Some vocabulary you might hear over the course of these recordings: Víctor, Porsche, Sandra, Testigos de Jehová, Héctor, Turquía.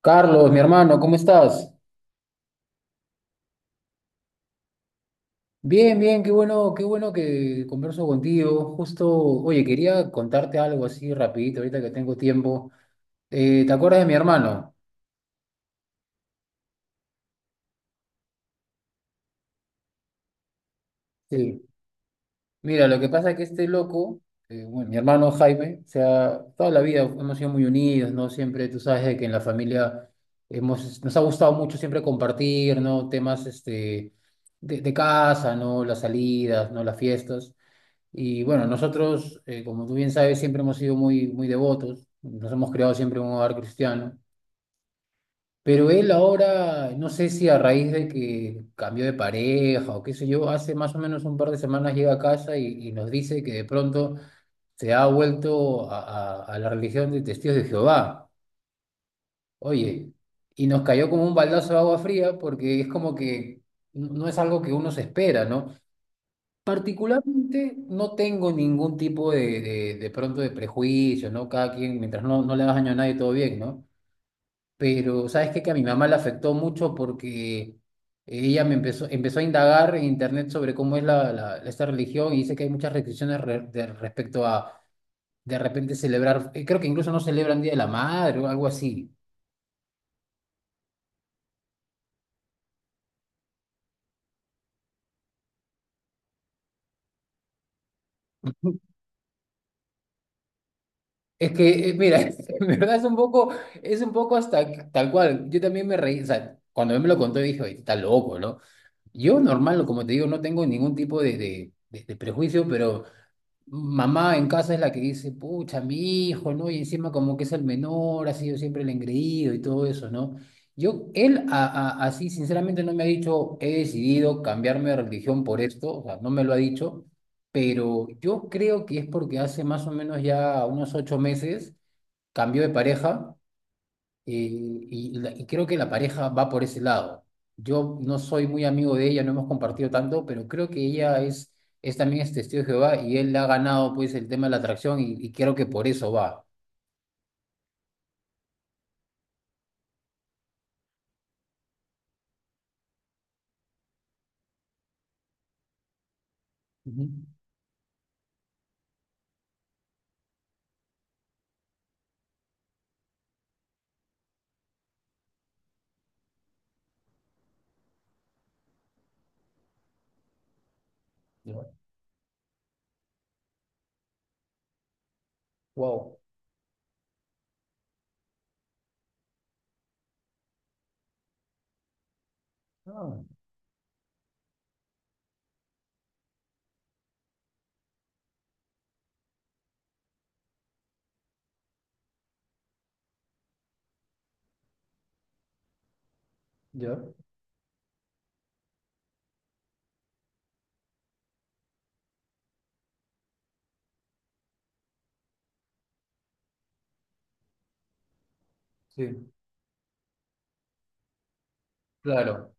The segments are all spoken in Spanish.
Carlos, mi hermano, ¿cómo estás? Bien, bien, qué bueno que converso contigo. Justo, oye, quería contarte algo así rapidito, ahorita que tengo tiempo. ¿Te acuerdas de mi hermano? Sí. Mira, lo que pasa es que este loco, bueno, mi hermano Jaime, o sea, toda la vida hemos sido muy unidos, ¿no? Siempre, tú sabes de que en la familia hemos, nos ha gustado mucho siempre compartir, ¿no? Temas, de casa, ¿no? Las salidas, ¿no? Las fiestas. Y bueno, nosotros, como tú bien sabes, siempre hemos sido muy devotos, nos hemos creado siempre en un hogar cristiano, pero él ahora, no sé si a raíz de que cambió de pareja o qué sé yo, hace más o menos un par de semanas llega a casa y nos dice que de pronto se ha vuelto a la religión de Testigos de Jehová. Oye, y nos cayó como un baldazo de agua fría porque es como que no es algo que uno se espera, ¿no? Particularmente no tengo ningún tipo de pronto de prejuicio, ¿no? Cada quien, mientras no le hagas daño a nadie, todo bien, ¿no? Pero, ¿sabes qué? Que a mi mamá le afectó mucho porque ella me empezó a indagar en internet sobre cómo es esta religión y dice que hay muchas respecto a, de repente, celebrar, creo que incluso no celebran Día de la Madre o algo así. Es que, mira, en verdad es un poco hasta tal cual. Yo también me reí, o sea, cuando él me lo contó dije, oye, está loco, no. Yo normal, como te digo, no tengo ningún tipo de prejuicio, pero mamá en casa es la que dice, pucha, mi hijo, ¿no? Y encima como que es el menor, ha sido siempre el engreído y todo eso, ¿no? Yo, él a- Así sinceramente no me ha dicho, he decidido cambiarme de religión por esto, o sea, no me lo ha dicho, pero yo creo que es porque hace más o menos ya unos 8 meses cambió de pareja, eh, y creo que la pareja va por ese lado. Yo no soy muy amigo de ella, no hemos compartido tanto, pero creo que es también es testigo de Jehová y él ha ganado pues el tema de la atracción y creo que por eso va. Ujú. Ya. Wow. Ah, ya. Sí. Claro.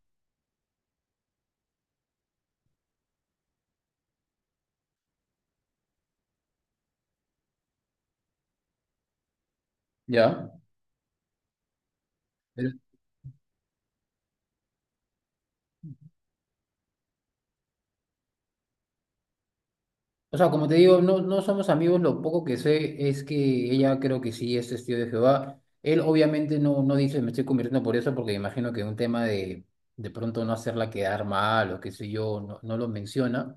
Ya. O sea, como te digo, no, no somos amigos, lo poco que sé es que ella creo que sí es testigo de Jehová. Él obviamente no, no dice me estoy convirtiendo por eso, porque me imagino que un tema de pronto no hacerla quedar mal o qué sé yo, no, no lo menciona.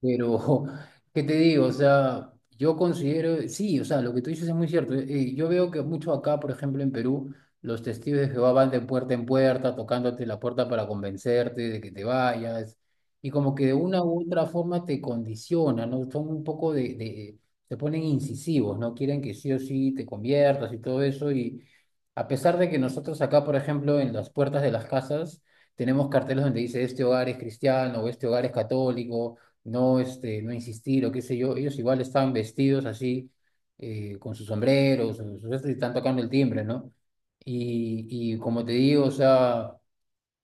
Pero, ¿qué te digo? O sea, yo considero, sí, o sea, lo que tú dices es muy cierto. Yo veo que mucho acá, por ejemplo, en Perú, los testigos de Jehová van de puerta en puerta, tocándote la puerta para convencerte de que te vayas y como que de una u otra forma te condiciona, ¿no? Son un poco te ponen incisivos, ¿no? Quieren que sí o sí te conviertas y todo eso, y a pesar de que nosotros acá, por ejemplo, en las puertas de las casas, tenemos carteles donde dice este hogar es cristiano, o este hogar es católico, no, este, no insistir, o qué sé yo, ellos igual están vestidos así, con sus sombreros, y están tocando el timbre, ¿no? Y como te digo, o sea...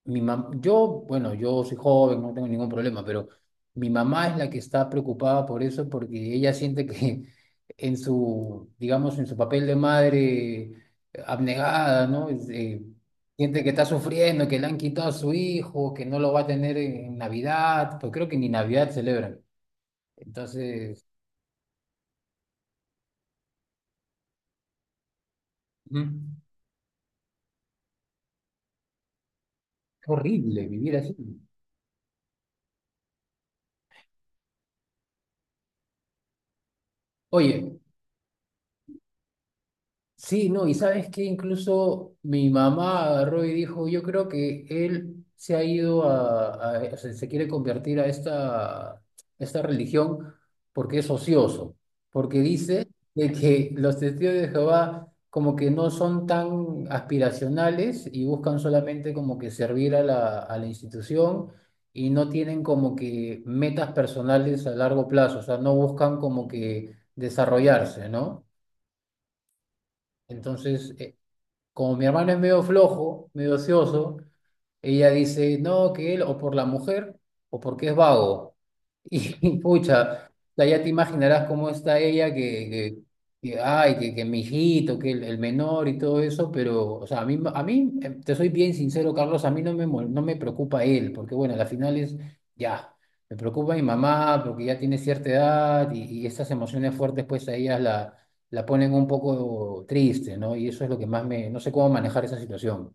Yo, bueno, yo soy joven, no tengo ningún problema, pero mi mamá es la que está preocupada por eso porque ella siente que en su, digamos, en su papel de madre abnegada, ¿no? Es, siente que está sufriendo, que le han quitado a su hijo, que no lo va a tener en Navidad, pues creo que ni Navidad celebran. Entonces, Ujú. Es horrible vivir así. Oye, sí, no, y sabes que incluso mi mamá agarró y dijo, yo creo que él se ha ido o sea, se quiere convertir a esta religión porque es ocioso, porque dice de que los testigos de Jehová como que no son tan aspiracionales y buscan solamente como que servir a a la institución y no tienen como que metas personales a largo plazo, o sea, no buscan como que desarrollarse, ¿no? Entonces... como mi hermano es medio flojo, medio ocioso, ella dice, no, que él o por la mujer o porque es vago. Y pucha, o sea, ya te imaginarás cómo está ella, ay, que mi hijito, que el menor y todo eso, pero, o sea, a mí, te soy bien sincero, Carlos, a mí no me, no me preocupa él, porque bueno, a la final es, ya, me preocupa mi mamá, porque ya tiene cierta edad y estas emociones fuertes, pues a ellas la ponen un poco triste, ¿no? Y eso es lo que más me, no sé cómo manejar esa situación.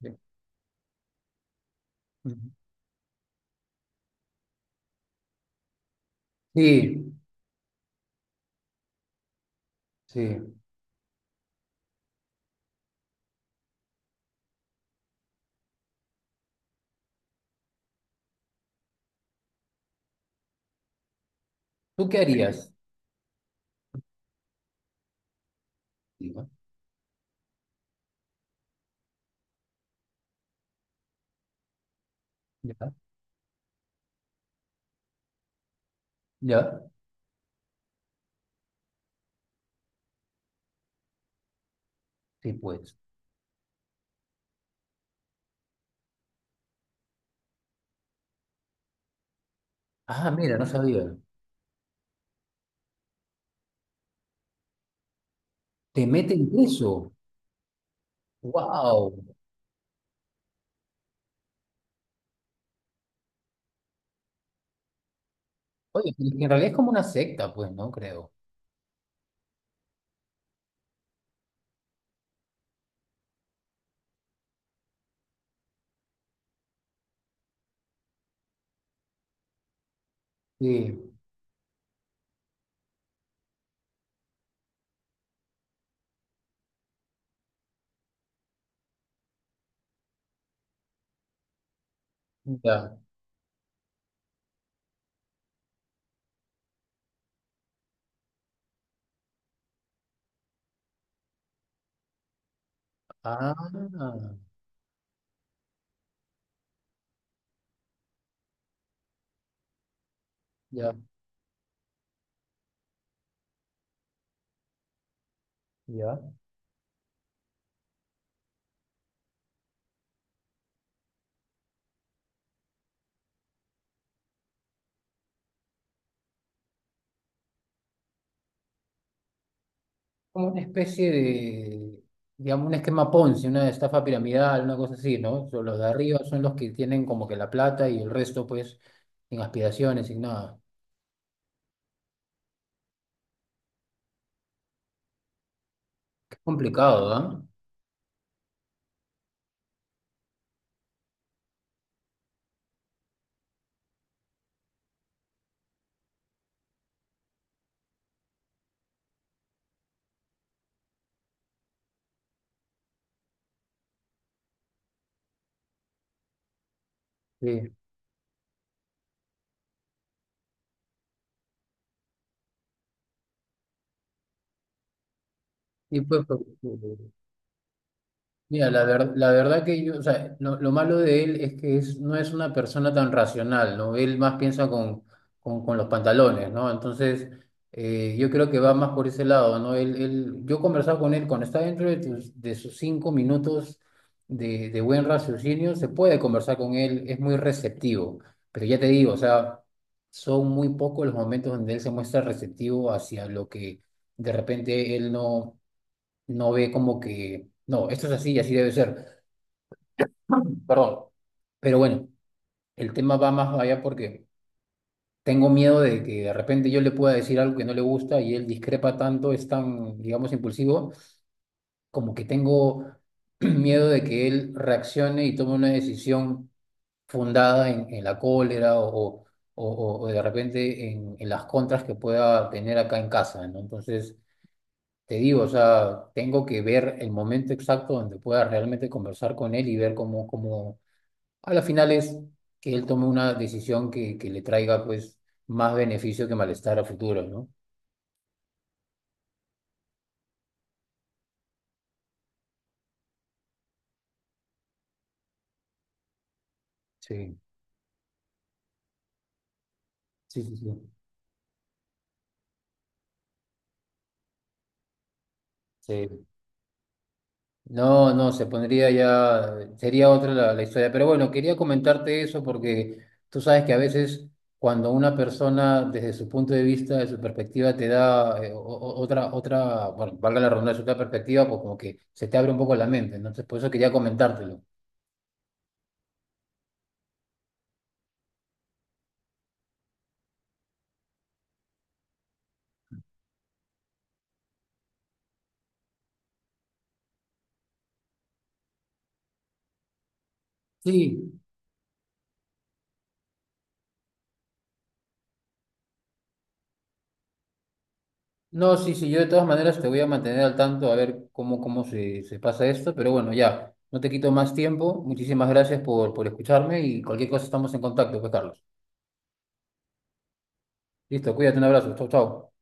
Sí. Ujú. Sí. Sí. ¿Tú qué harías? Digo, ya, ya. Sí, pues. Ah, mira, no sabía. Te meten preso. ¡Wow! Oye, en realidad es como una secta, pues, ¿no? Creo. Sí, ya. Ah, ya, ya. Como una especie de, digamos, un esquema Ponzi, una estafa piramidal, una cosa así, ¿no? So, los de arriba son los que tienen como que la plata y el resto, pues, sin aspiraciones, sin nada. Qué complicado, ¿ah? Sí. Y pues, pero- mira, la verdad que yo, o sea, lo malo de él es que es, no es una persona tan racional, ¿no? Él más piensa con los pantalones, ¿no? Entonces, yo creo que va más por ese lado, ¿no? Él, yo conversaba con él, cuando está dentro de, de sus 5 minutos de buen raciocinio, se puede conversar con él, es muy receptivo, pero ya te digo, o sea, son muy pocos los momentos donde él se muestra receptivo hacia lo que de repente él no ve como que, no, esto es así y así debe ser. Perdón. Pero bueno, el tema va más allá porque tengo miedo de que de repente yo le pueda decir algo que no le gusta y él discrepa tanto, es tan, digamos, impulsivo, como que tengo miedo de que él reaccione y tome una decisión fundada en la cólera o, o de repente en las contras que pueda tener acá en casa, ¿no? Entonces... Te digo, o sea, tengo que ver el momento exacto donde pueda realmente conversar con él y ver cómo, cómo a la final es que él tome una decisión que le traiga pues más beneficio que malestar a futuro, ¿no? Sí. Sí, sí, sí. Sí. No, no, se pondría ya, sería otra la historia. Pero bueno, quería comentarte eso porque tú sabes que a veces cuando una persona desde su punto de vista, de su perspectiva, te da otra, bueno, valga la redundancia, otra perspectiva, pues como que se te abre un poco la mente, ¿no? Entonces, por eso quería comentártelo. Sí, no, sí, sí, yo de todas maneras te voy a mantener al tanto a ver cómo, cómo se, se pasa esto. Pero bueno, ya, no te quito más tiempo. Muchísimas gracias por escucharme y cualquier cosa estamos en contacto, pues Carlos. Listo, cuídate, un abrazo. Chau, chau.